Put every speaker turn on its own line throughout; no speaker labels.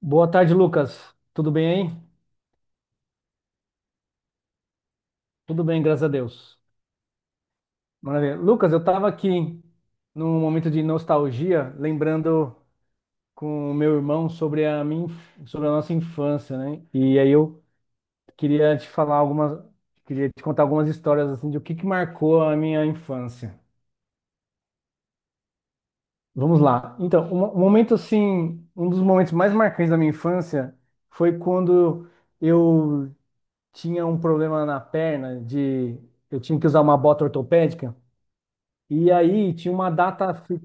Boa tarde, Lucas. Tudo bem aí? Tudo bem, graças a Deus. Maravilha. Lucas, eu estava aqui num momento de nostalgia, lembrando com o meu irmão sobre a minha, sobre a nossa infância, né? E aí eu queria te falar algumas, queria te contar algumas histórias assim de o que que marcou a minha infância. Vamos lá. Então, um momento assim, um dos momentos mais marcantes da minha infância foi quando eu tinha um problema na perna de eu tinha que usar uma bota ortopédica. E aí tinha uma data.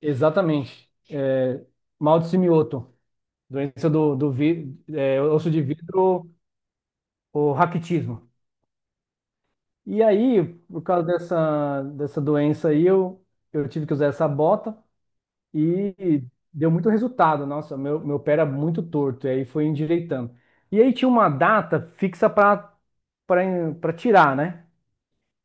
Exatamente. É, mal de Simioto, doença do, é, osso de vidro, o raquitismo. E aí, por causa dessa doença aí, eu tive que usar essa bota e deu muito resultado. Nossa, meu pé era muito torto, e aí foi endireitando. E aí tinha uma data fixa para tirar, né?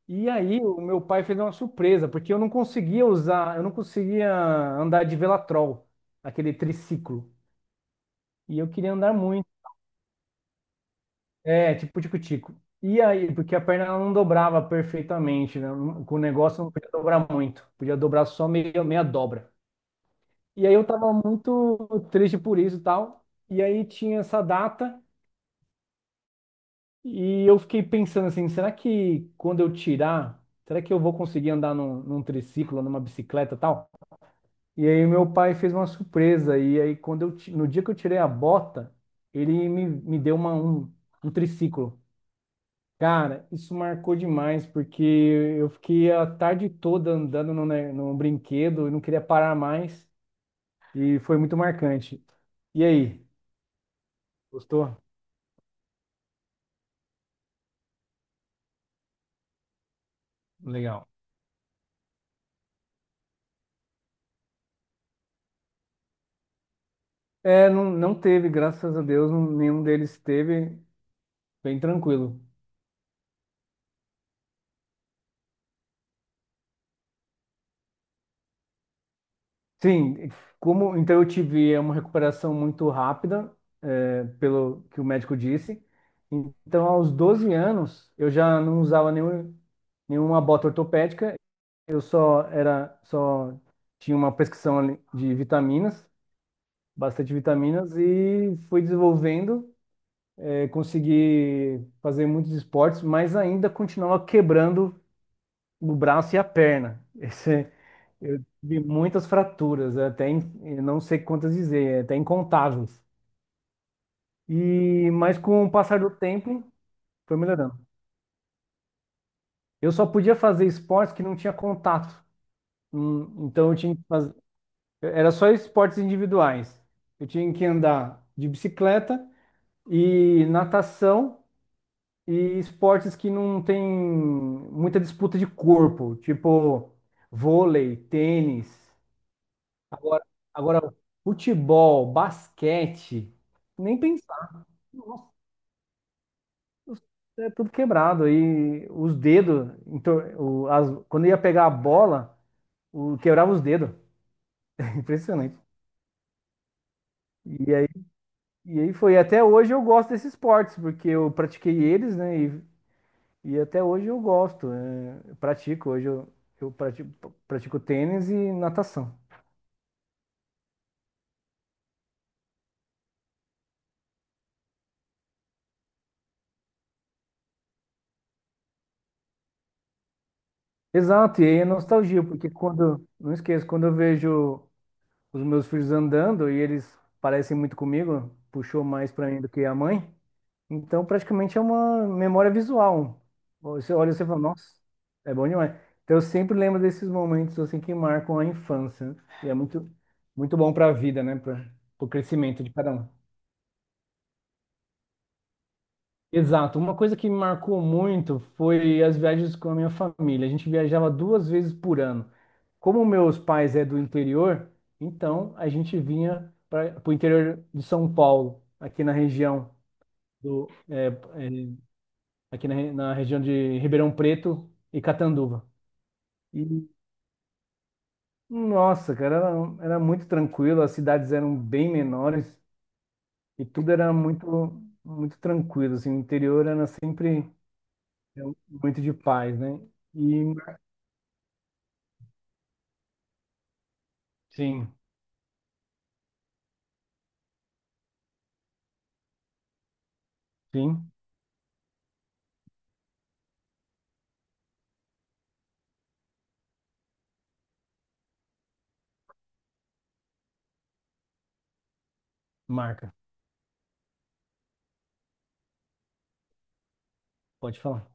E aí o meu pai fez uma surpresa, porque eu não conseguia usar, eu não conseguia andar de Velatrol, aquele triciclo. E eu queria andar muito. É, tipo tico-tico. E aí, porque a perna ela não dobrava perfeitamente, né? Com o negócio eu não podia dobrar muito, podia dobrar só meia dobra. E aí eu tava muito triste por isso e tal. E aí tinha essa data e eu fiquei pensando assim, será que quando eu tirar, será que eu vou conseguir andar num triciclo, numa bicicleta e tal? E aí meu pai fez uma surpresa e aí quando no dia que eu tirei a bota, me deu um triciclo. Cara, isso marcou demais porque eu fiquei a tarde toda andando no brinquedo e não queria parar mais e foi muito marcante. E aí, gostou? Legal. É, não teve, graças a Deus, nenhum deles teve, bem tranquilo. Sim, como então eu tive é, uma recuperação muito rápida, é, pelo que o médico disse. Então, aos 12 anos, eu já não usava nenhuma bota ortopédica, eu só era só tinha uma prescrição ali de vitaminas, bastante vitaminas e fui desenvolvendo, é, consegui fazer muitos esportes, mas ainda continuava quebrando o braço e a perna. Eu tive muitas fraturas, eu não sei quantas dizer, é até incontáveis. E mas com o passar do tempo foi melhorando. Eu só podia fazer esportes que não tinha contato. Então eu tinha que fazer, era só esportes individuais. Eu tinha que andar de bicicleta e natação e esportes que não tem muita disputa de corpo, tipo vôlei, tênis. Agora, agora, futebol, basquete, nem pensar. Nossa, é tudo quebrado. Aí os dedos, então, quando ia pegar a bola, quebrava os dedos. Impressionante. E aí, e aí foi. Até hoje eu gosto desses esportes, porque eu pratiquei eles, né? E até hoje eu gosto. É, eu pratico. Eu pratico, pratico tênis e natação. Exato, e aí é nostalgia, porque quando, não esqueço, quando eu vejo os meus filhos andando e eles parecem muito comigo, puxou mais pra mim do que a mãe. Então, praticamente é uma memória visual. Você olha e você fala, nossa, é bom demais. Então, eu sempre lembro desses momentos assim que marcam a infância. E é muito bom para a vida, né? Para o crescimento de cada um. Exato. Uma coisa que me marcou muito foi as viagens com a minha família. A gente viajava 2 vezes por ano. Como meus pais é do interior, então a gente vinha para o interior de São Paulo, aqui na região do é, é, aqui na região de Ribeirão Preto e Catanduva. E nossa, cara, era muito tranquilo. As cidades eram bem menores e tudo era muito muito tranquilo. Assim, o interior era sempre é um muito de paz, né? E sim, sim, marca. Pode falar.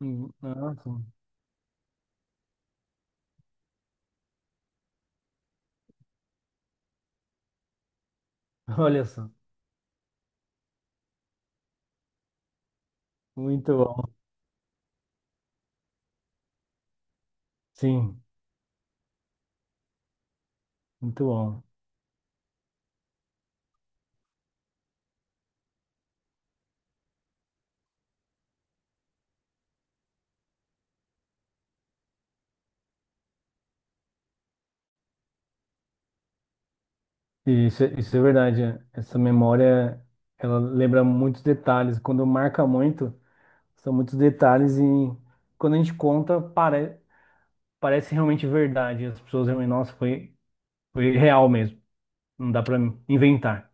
Ah, sim. Olha só, muito bom. Sim, muito bom. E isso, isso é verdade. É. Essa memória, ela lembra muitos detalhes. Quando marca muito, são muitos detalhes e quando a gente conta, parece realmente verdade. As pessoas realmente, nossa, foi real mesmo. Não dá para inventar.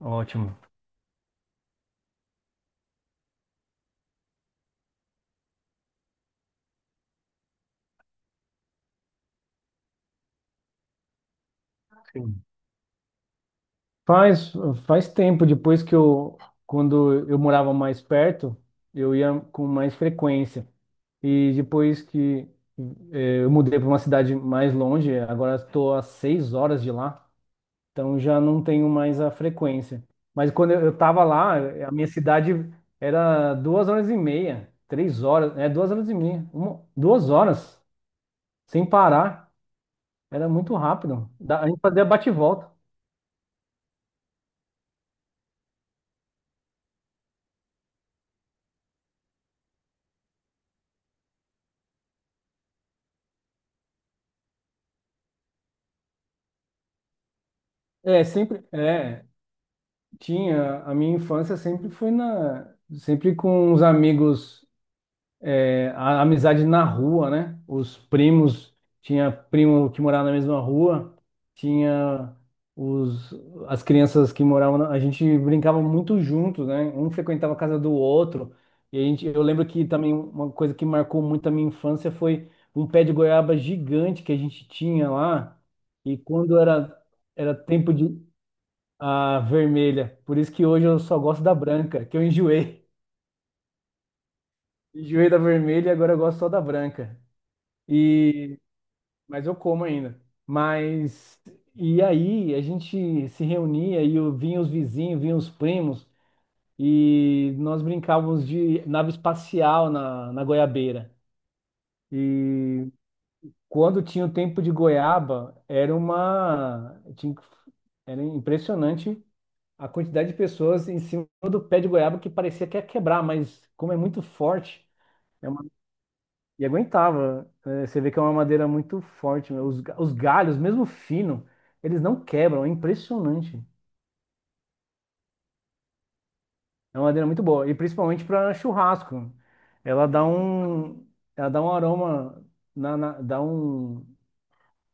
Ótimo. Faz, faz tempo, quando eu morava mais perto, eu ia com mais frequência. E depois que eu mudei para uma cidade mais longe, agora estou a 6 horas de lá, então já não tenho mais a frequência. Mas quando eu estava lá, a minha cidade era 2 horas e meia, 3 horas, é 2 horas e meia, 2 horas, sem parar. Era muito rápido. A gente fazia bate e volta. É, sempre. É. Tinha, a minha infância sempre foi sempre com os amigos, é, a amizade na rua, né? Os primos, tinha primo que morava na mesma rua, tinha os, as crianças que moravam, a gente brincava muito juntos, né? Um frequentava a casa do outro, e a gente, eu lembro que também uma coisa que marcou muito a minha infância foi um pé de goiaba gigante que a gente tinha lá, e quando era, era tempo de a vermelha. Por isso que hoje eu só gosto da branca, que eu enjoei. Enjoei da vermelha e agora eu gosto só da branca. E mas eu como ainda. Mas e aí a gente se reunia e eu vinha os vizinhos, vinha os primos e nós brincávamos de nave espacial na goiabeira. E quando tinha o tempo de goiaba, era era impressionante a quantidade de pessoas em cima do pé de goiaba que parecia que ia quebrar, mas como é muito forte, é uma- e aguentava. É, você vê que é uma madeira muito forte. Meu. Os galhos, mesmo fino, eles não quebram, é impressionante. É uma madeira muito boa, e principalmente para churrasco. Ela dá um, ela dá um aroma, dá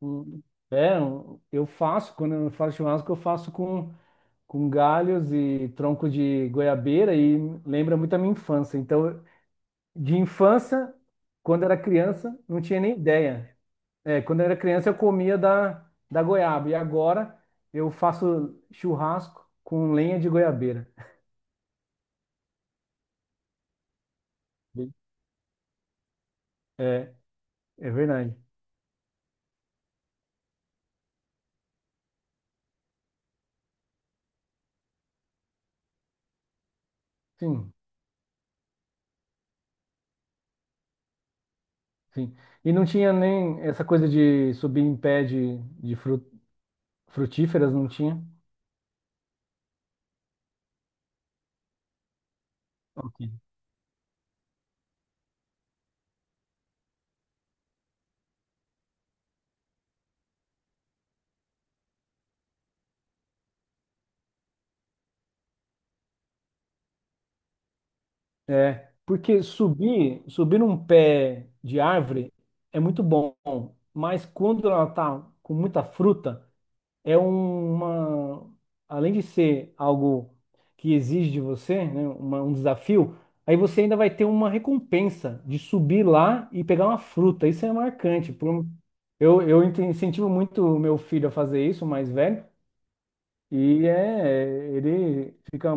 um- é, eu faço, quando eu faço churrasco, eu faço com galhos e tronco de goiabeira e lembra muito a minha infância. Então de infância, quando era criança, não tinha nem ideia. É, quando eu era criança, eu comia da goiaba. E agora eu faço churrasco com lenha de goiabeira. É, é verdade. Sim, sim. E não tinha nem essa coisa de subir em pé de frutíferas, não tinha. Ok. É, porque subir num pé de árvore é muito bom, mas quando ela tá com muita fruta, é um- uma, além de ser algo que exige de você, né, um desafio, aí você ainda vai ter uma recompensa de subir lá e pegar uma fruta. Isso é marcante. Eu, incentivo muito o meu filho a fazer isso, o mais velho, e é,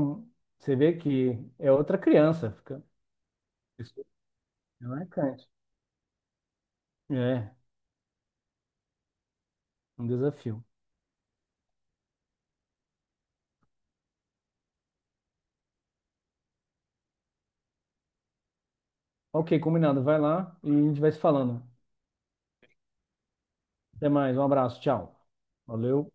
você vê que é outra criança, isso é marcante. É, um desafio. Ok, combinado. Vai lá e a gente vai se falando. Até mais, um abraço, tchau. Valeu.